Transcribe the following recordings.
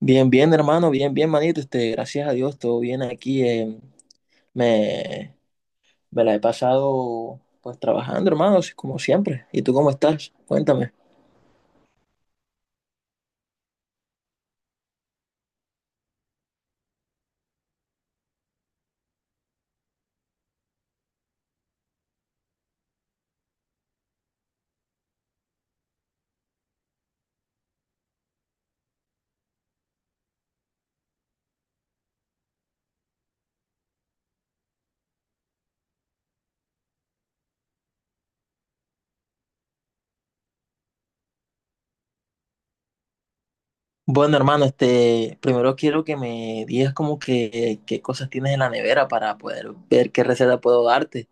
Bien, bien, hermano, bien, bien, manito. Gracias a Dios, todo bien aquí. Me, Me la he pasado pues trabajando, hermano, así como siempre. ¿Y tú cómo estás? Cuéntame. Bueno, hermano, primero quiero que me digas como que qué cosas tienes en la nevera para poder ver qué receta puedo darte.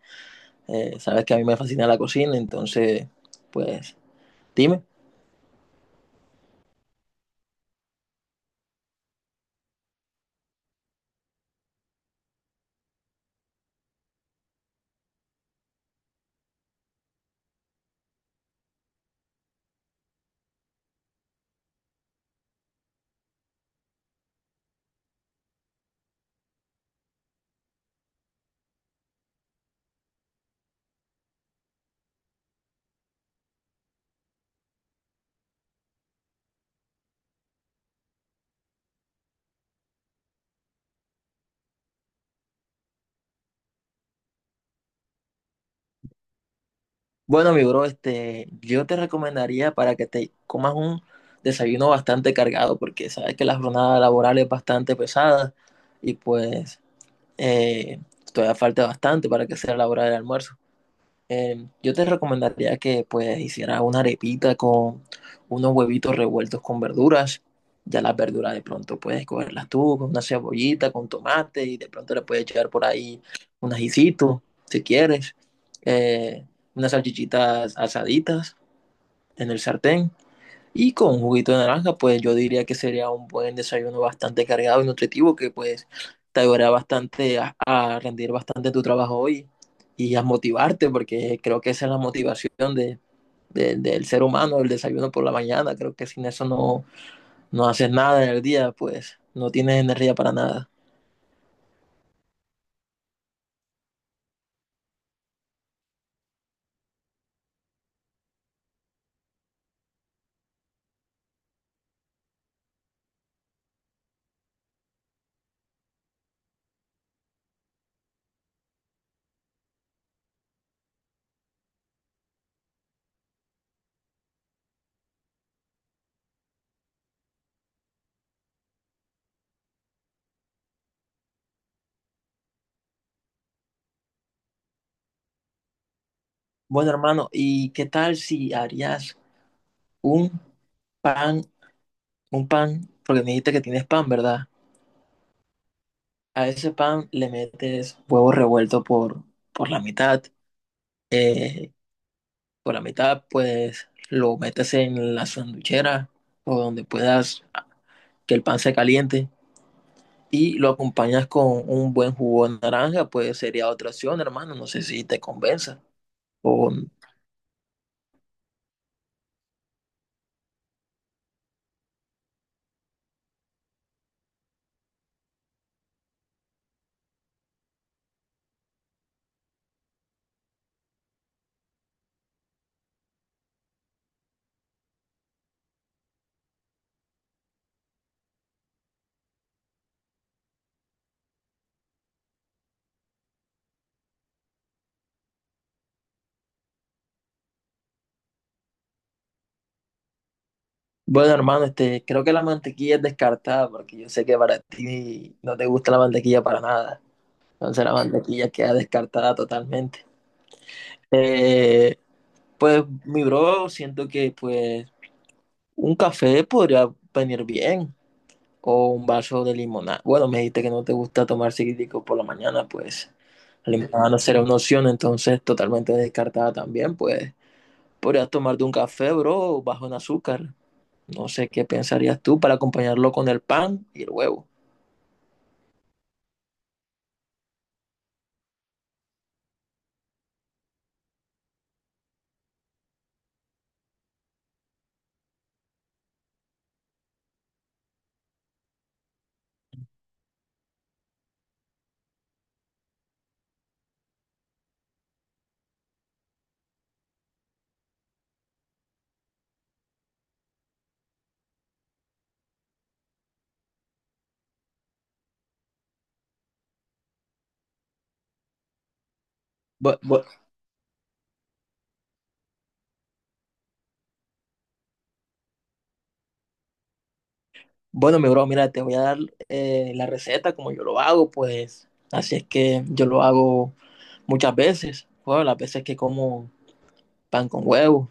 Sabes que a mí me fascina la cocina, pues, dime. Bueno, mi bro, yo te recomendaría para que te comas un desayuno bastante cargado, porque sabes que la jornada laboral es bastante pesada y eh, todavía falta bastante para que sea la hora del almuerzo. Yo te recomendaría que pues hicieras una arepita con unos huevitos revueltos con verduras. Ya las verduras de pronto puedes cogerlas tú con una cebollita, con tomate y de pronto le puedes echar por ahí un ajicito si quieres. Eh, unas salchichitas asaditas en el sartén y con juguito de naranja, pues yo diría que sería un buen desayuno bastante cargado y nutritivo que pues te ayudará bastante a rendir bastante tu trabajo hoy y a motivarte, porque creo que esa es la motivación del ser humano, el desayuno por la mañana. Creo que sin eso no haces nada en el día, pues no tienes energía para nada. Bueno, hermano, ¿y qué tal si harías un pan, un pan, porque me dijiste que tienes pan, ¿verdad? A ese pan le metes huevo revuelto por la mitad. eh, por la mitad, pues lo metes en la sanduchera o donde puedas ah, que el pan se caliente y lo acompañas con un buen jugo de naranja, pues sería otra opción, hermano. No sé si te convenza. O, bueno, hermano, creo que la mantequilla es descartada porque yo sé que para ti no te gusta la mantequilla para nada. Entonces la mantequilla queda descartada totalmente. Eh, Pues mi bro, siento que pues un café podría venir bien o un vaso de limonada. Bueno, me dijiste que no te gusta tomar cítrico por la mañana, pues la limonada no será una opción, entonces totalmente descartada también, pues podrías tomarte un café, bro, bajo en azúcar. No sé qué pensarías tú para acompañarlo con el pan y el huevo. Bu- bu- Bueno, mi bro, mira, te voy a dar la receta como yo lo hago, pues así es que yo lo hago muchas veces. Bueno, las veces que como pan con huevo.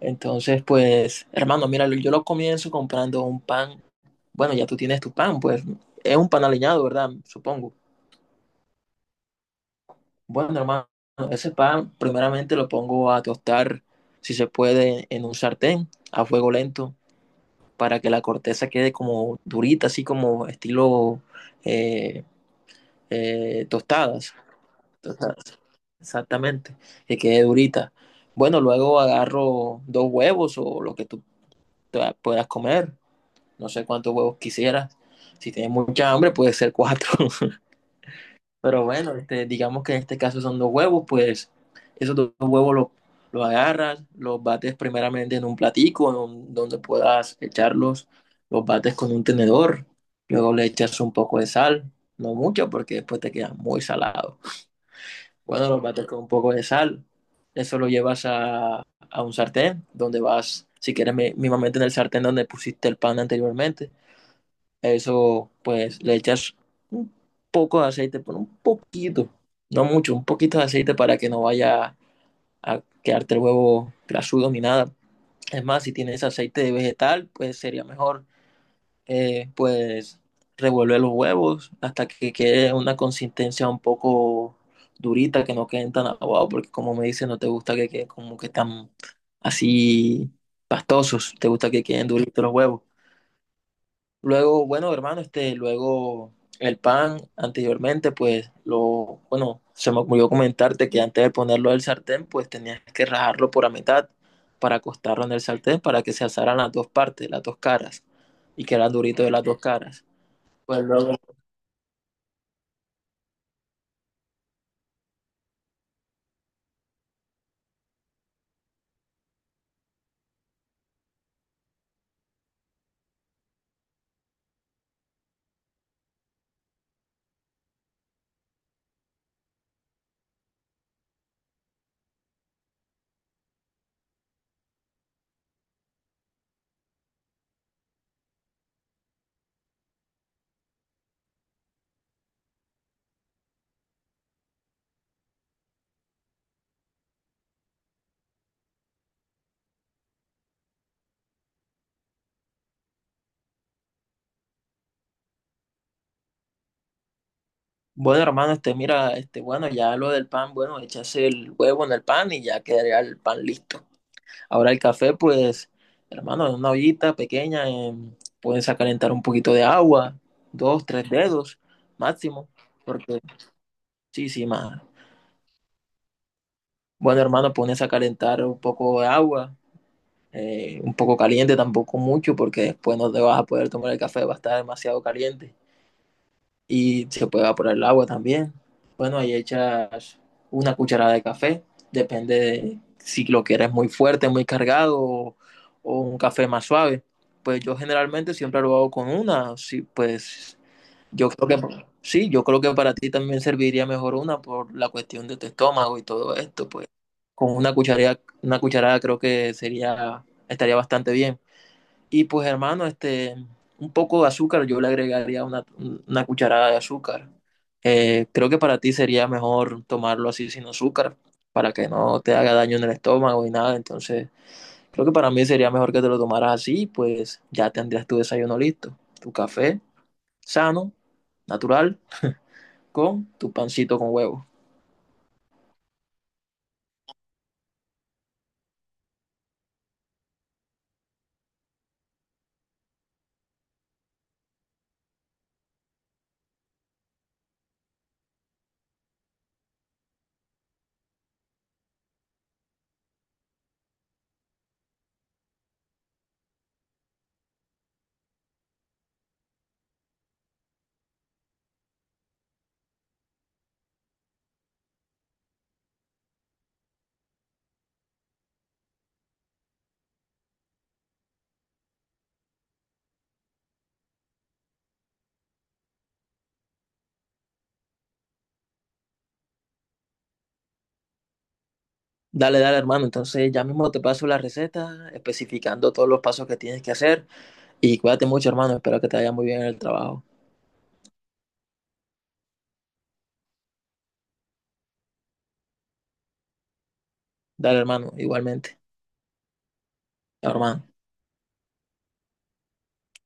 Entonces, pues, hermano, mira, yo lo comienzo comprando un pan. Bueno, ya tú tienes tu pan, pues es un pan aliñado, ¿verdad? Supongo. Bueno, hermano, ese pan primeramente lo pongo a tostar, si se puede, en un sartén a fuego lento para que la corteza quede como durita, así como estilo eh, eh, tostadas, tostadas. Exactamente, que quede durita. Bueno, luego agarro dos huevos o lo que tú te puedas comer. No sé cuántos huevos quisieras. Si tienes mucha hambre, puede ser cuatro. Pero bueno, digamos que en este caso son dos huevos, pues esos dos huevos los agarras, los bates primeramente en un platico en un, donde puedas echarlos, los bates con un tenedor, luego le echas un poco de sal, no mucho porque después te queda muy salado. Bueno, los bates con un poco de sal, eso lo llevas a un sartén donde vas, si quieres, mínimamente en el sartén donde pusiste el pan anteriormente, eso, pues, le echas un poco de aceite, pero un poquito, no mucho, un poquito de aceite para que no vaya a quedarte el huevo grasudo ni nada. Es más, si tienes aceite de vegetal, pues sería mejor, eh, pues, revolver los huevos hasta que quede una consistencia un poco durita, que no queden tan aguados, porque como me dices, no te gusta que queden como que tan así pastosos, te gusta que queden duritos los huevos. Luego, bueno, hermano, luego el pan anteriormente, bueno, se me ocurrió comentarte que antes de ponerlo al sartén, pues tenías que rajarlo por la mitad para acostarlo en el sartén para que se asaran las dos partes, las dos caras, y que era durito de las dos caras. Pues luego, bueno, hermano, bueno, ya lo del pan, bueno, echas el huevo en el pan y ya quedaría el pan listo. Ahora el café, pues, hermano, en una ollita pequeña, puedes a calentar un poquito de agua, dos, tres dedos máximo, porque sí, sí, más. Bueno, hermano, pones a calentar un poco de agua, un poco caliente, tampoco mucho, porque después no te vas a poder tomar el café, va a estar demasiado caliente. Y se puede evaporar el agua también. Bueno, ahí echas una cucharada de café, depende de si lo quieres muy fuerte, muy cargado o un café más suave. Pues yo generalmente siempre lo hago con una, sí, pues yo creo que sí, yo creo que para ti también serviría mejor una por la cuestión de tu estómago y todo esto, pues con una cucharada creo que sería, estaría bastante bien. Y pues hermano, un poco de azúcar, yo le agregaría una cucharada de azúcar. Creo que para ti sería mejor tomarlo así sin azúcar, para que no te haga daño en el estómago y nada. Entonces, creo que para mí sería mejor que te lo tomaras así, pues ya tendrías tu desayuno listo, tu café sano, natural, con tu pancito con huevo. Dale, dale, hermano. Entonces, ya mismo te paso la receta, especificando todos los pasos que tienes que hacer. Y cuídate mucho, hermano. Espero que te vaya muy bien en el trabajo. Dale, hermano, igualmente, hermano.